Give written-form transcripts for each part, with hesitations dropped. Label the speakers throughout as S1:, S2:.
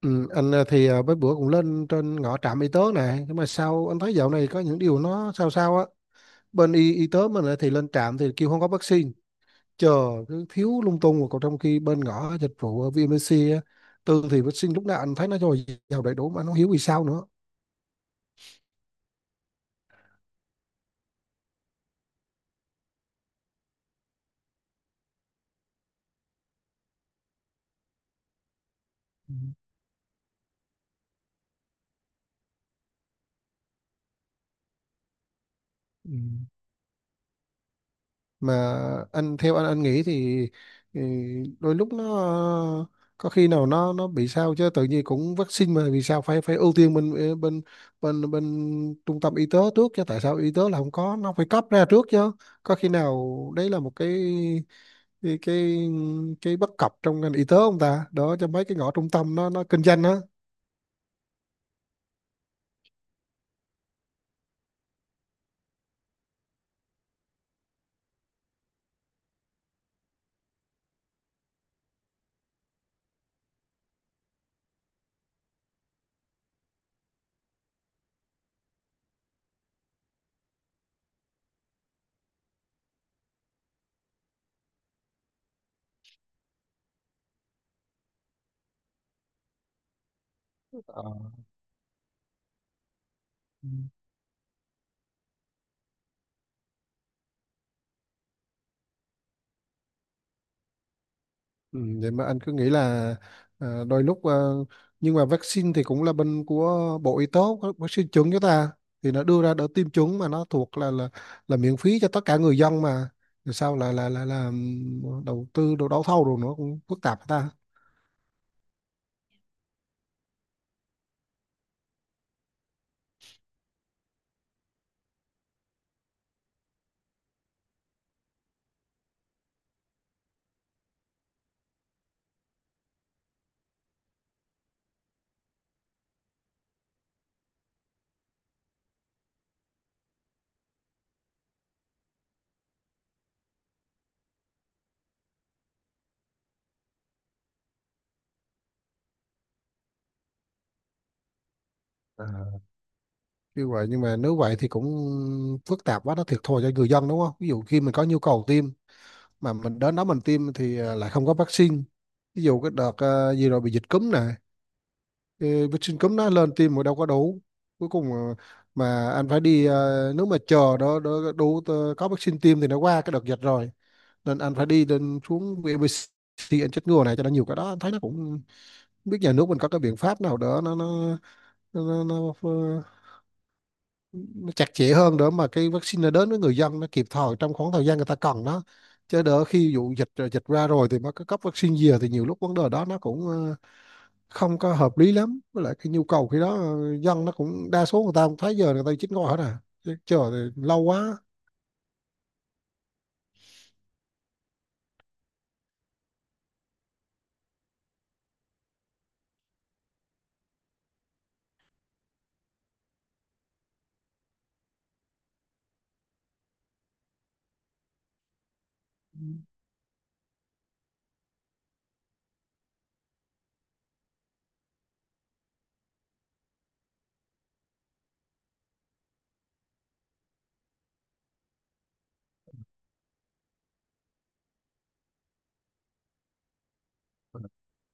S1: Ừ, anh ờ, thì ờ, mấy bữa cũng lên trên ngõ trạm y tế này, nhưng mà sao anh thấy dạo này có những điều nó sao sao á. Bên y tế mình lại thì lên trạm thì kêu không có vaccine, chờ, cứ thiếu lung tung. Rồi còn trong khi bên ngõ dịch vụ ở VMC á, tương thì vaccine lúc nào anh thấy nó rồi vào đầy đủ, mà nó hiếu vì sao nữa. Ừ. Ừ, mà anh theo anh nghĩ thì, ừ, đôi lúc nó ờ, có khi nào nó bị sao chứ, tự nhiên cũng vaccine mà vì sao phải phải ưu tiên bên bên bên bên trung tâm y tế trước chứ, tại sao y tế là không có, nó phải cấp ra trước chứ. Có khi nào đấy là một cái cái, cái bất cập trong ngành y tế không ta, đó cho mấy cái ngõ trung tâm nó kinh doanh á. Ừ, vậy mà anh cứ nghĩ là à, đôi lúc à, nhưng mà vaccine thì cũng là bên của Bộ Y tế, có vaccine chuẩn cho ta, thì nó đưa ra đỡ tiêm chủng mà nó thuộc là miễn phí cho tất cả người dân mà. Rồi sao là đầu tư đồ đấu thầu rồi nó cũng phức tạp hả ta. À, như vậy nhưng mà nếu vậy thì cũng phức tạp quá, nó thiệt thòi cho người dân đúng không? Ví dụ khi mình có nhu cầu tiêm mà mình đến đó mình tiêm thì lại không có vaccine. Ví dụ cái đợt gì rồi bị dịch cúm nè, thì bị Trình cấm đã lần tìm một đâu có đấu, cuối cùng mà anh phải đi, nếu mà chờ đó đó đủ có vaccine tiêm thì nó qua cái đợt dịch rồi. Nên anh phải đi lên xuống VBC anh chích ngừa này cho nó nhiều. Cái đó anh thấy nó cũng không biết nhà nước mình có cái biện pháp nào đó nó, nó, nó nó chặt chẽ hơn để mà cái vaccine nó đến với người dân nó kịp thời trong khoảng thời gian người ta cần nó, chứ đỡ khi vụ dịch dịch ra rồi thì mới có cấp vaccine gì thì nhiều lúc vấn đề đó nó cũng không có hợp lý lắm, với lại cái nhu cầu khi đó dân nó cũng đa số người ta cũng thấy giờ người ta chín ngồi hết à, chứ chờ thì lâu quá.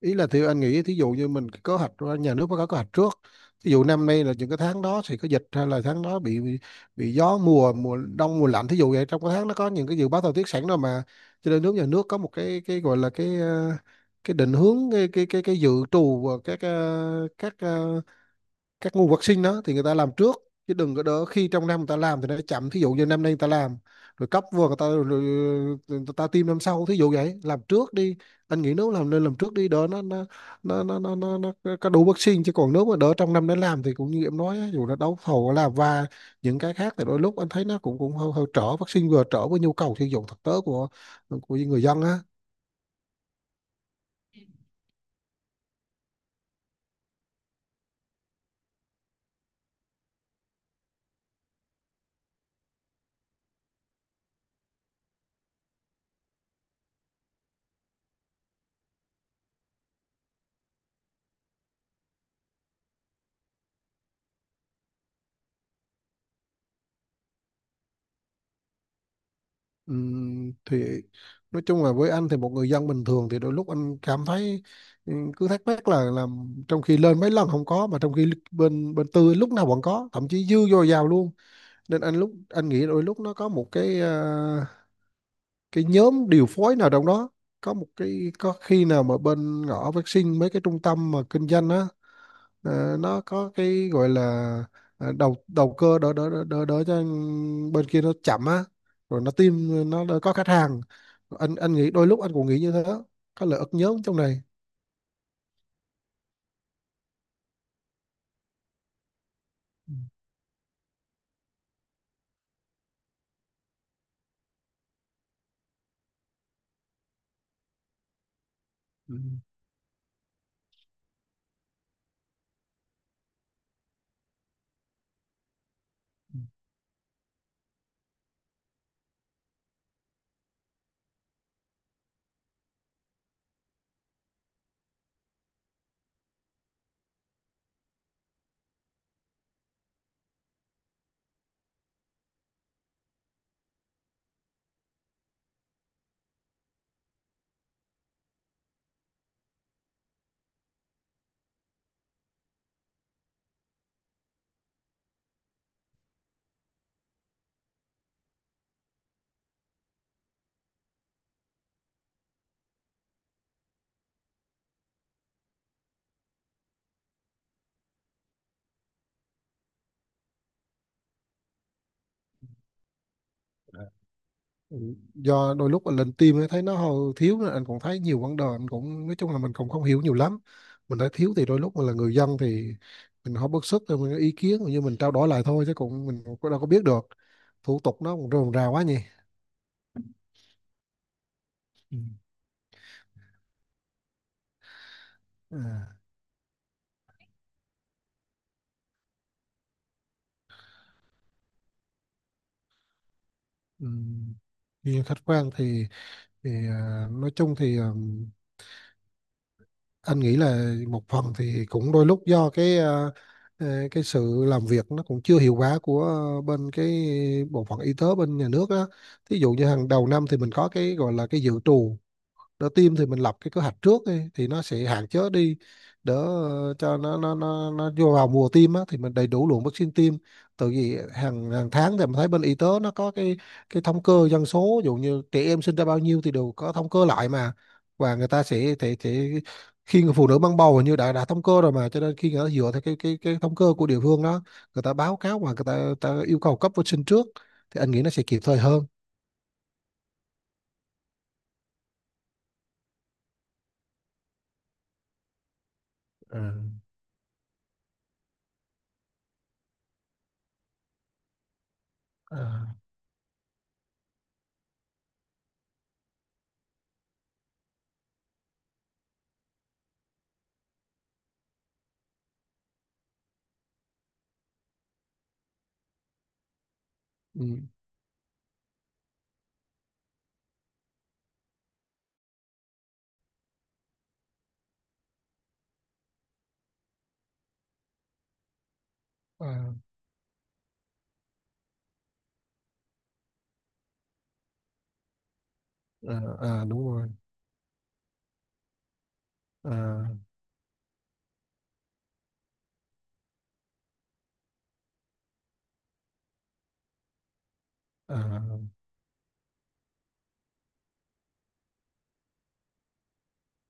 S1: Ý là thì anh nghĩ thí dụ như mình có kế hoạch, nhà nước có hoạch trước, thí dụ năm nay là những cái tháng đó thì có dịch, hay là tháng đó bị gió mùa, mùa đông mùa lạnh thí dụ vậy, trong cái tháng nó có những cái dự báo thời tiết sẵn rồi mà. Cho nên nhà nước có một cái gọi là cái định hướng cái dự trù và các nguồn vật sinh đó thì người ta làm trước, chứ đừng có đỡ khi trong năm người ta làm thì nó chậm. Thí dụ như năm nay người ta làm rồi cấp vừa người ta rồi, người ta tiêm năm sau, thí dụ vậy, làm trước đi. Anh nghĩ nếu làm nên làm trước đi, đỡ nó có đủ vắc xin, chứ còn nếu mà đỡ trong năm nó làm thì cũng như em nói á, dù là đấu thầu và những cái khác thì đôi lúc anh thấy nó cũng cũng hơi trở vắc xin, vừa trở với nhu cầu sử dụng thực tế của người dân á. Thì nói chung là với anh thì một người dân bình thường thì đôi lúc anh cảm thấy, cứ thắc mắc là làm, trong khi lên mấy lần không có, mà trong khi bên bên tư lúc nào vẫn có, thậm chí dư dồi dào luôn. Nên anh lúc anh nghĩ đôi lúc nó có một cái cái nhóm điều phối nào trong đó, có một cái có khi nào mà bên ngõ vaccine mấy cái trung tâm mà kinh doanh á. Ờ, nó có cái gọi là đầu đầu cơ đỡ đỡ đỡ đỡ đỡ cho bên kia nó chậm á, rồi nó tìm nó đỡ có khách hàng. Anh nghĩ đôi lúc anh cũng nghĩ như thế, có lợi ức nhóm trong này. Ừ, ừ, ừ. Ờ. Ừ, do đôi lúc anh lên team ấy, thấy nó hầu thiếu nên anh cũng thấy nhiều vấn đề, anh cũng nói chung là mình cũng không hiểu nhiều lắm. Mình thấy thiếu thì đôi lúc mình là người dân thì mình không bức xúc, rồi mình có ý kiến như mình trao đổi lại thôi, chứ cũng mình cũng đâu có biết được. Thủ tục nó cũng rườm rà quá nhỉ. Ừ. Ừ. Ừm, Nhìn khách quan thì nói chung thì anh nghĩ là một phần thì cũng đôi lúc do cái sự làm việc nó cũng chưa hiệu quả của bên cái bộ phận y tế bên nhà nước á. Thí dụ như hàng đầu năm thì mình có cái gọi là cái dự trù đỡ tim, thì mình lập cái kế hoạch trước đi, thì nó sẽ hạn chế đi, đỡ cho nó vô vào mùa tim á, thì mình đầy đủ lượng vaccine tim. Từ vì hàng hàng tháng thì mình thấy bên y tế nó có cái thống kê dân số, ví dụ như trẻ em sinh ra bao nhiêu thì đều có thống kê lại mà. Và người ta sẽ, khi người phụ nữ mang bầu hình như đã thống kê rồi mà, cho nên khi người ta dựa theo cái thống kê của địa phương đó, người ta báo cáo và người ta yêu cầu cấp vaccine trước, thì anh nghĩ nó sẽ kịp thời hơn. Ờ, à, ừ, à, à, à, đúng rồi. Ờ. ờ,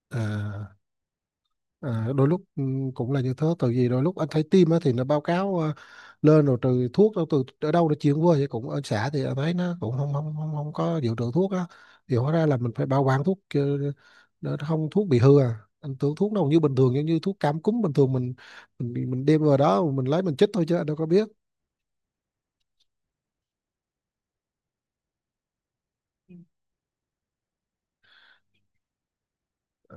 S1: ờ, ờ, Đôi lúc cũng là như thế, tại vì đôi lúc anh thấy tim á thì nó báo cáo lên rồi từ thuốc đâu từ ở đâu nó chuyển qua vậy, cũng ở xã thì anh thấy nó cũng không có dự trữ thuốc á. Thì hóa ra là mình phải bảo quản thuốc để không thuốc bị hư, à anh tưởng thuốc đâu như bình thường, giống như thuốc cảm cúm bình thường mình mình đem vào đó mình lấy mình chích thôi, chứ anh đâu có biết. Ờ,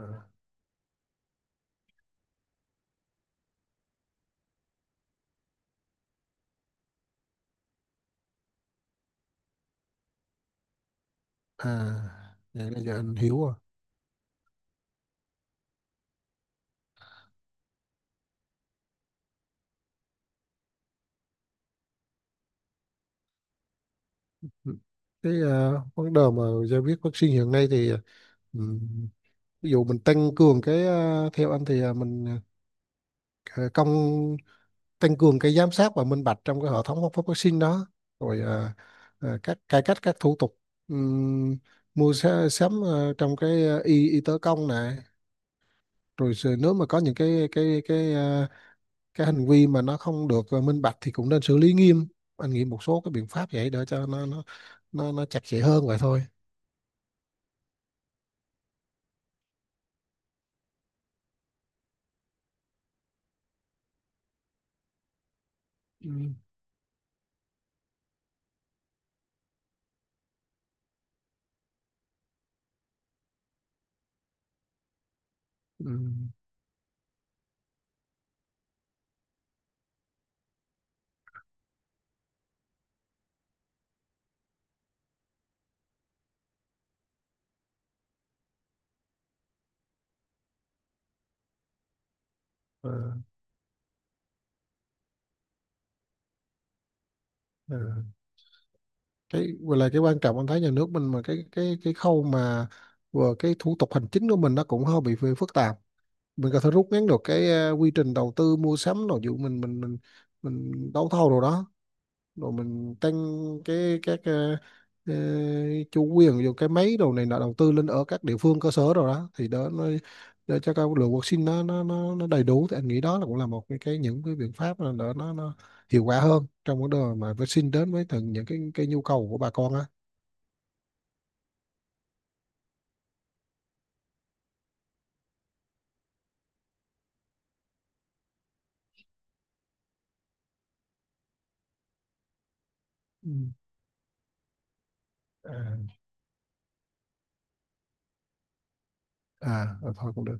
S1: à vậy là giờ anh hiểu rồi. Ừ, vấn đề mà giải quyết vaccine hiện nay thì, ừ, ví dụ mình tăng cường theo anh thì mình ờ, công tăng cường cái giám sát và minh bạch trong cái hệ thống phát vaccine đó. Rồi các cải cách các thủ tục, ừm, mua sắm trong cái y tế công này. Rồi nếu mà có những cái hành vi mà nó không được minh bạch thì cũng nên xử lý nghiêm. Anh nghĩ một số cái biện pháp vậy để cho nó chặt chẽ hơn vậy thôi. Ừm, ừm, ờ, ờ. Cái vừa là cái quan trọng anh thấy nhà nước mình, mà cái khâu mà vừa cái thủ tục hành chính của mình nó cũng hơi bị phức tạp, mình có thể rút ngắn được quy trình đầu tư mua sắm rồi dụ mình đấu thầu rồi đó. Rồi mình tăng cái ờ, chủ quyền rồi cái máy đồ này nọ đầu tư lên ở các địa phương cơ sở rồi đó, thì đó nó để cho các lượng vaccine nó đầy đủ, thì anh nghĩ đó là cũng là một cái những cái biện pháp là nó hiệu quả hơn trong vấn đề mà vaccine đến với từng những cái nhu cầu của bà con á. Ừ. À, à thôi cũng được.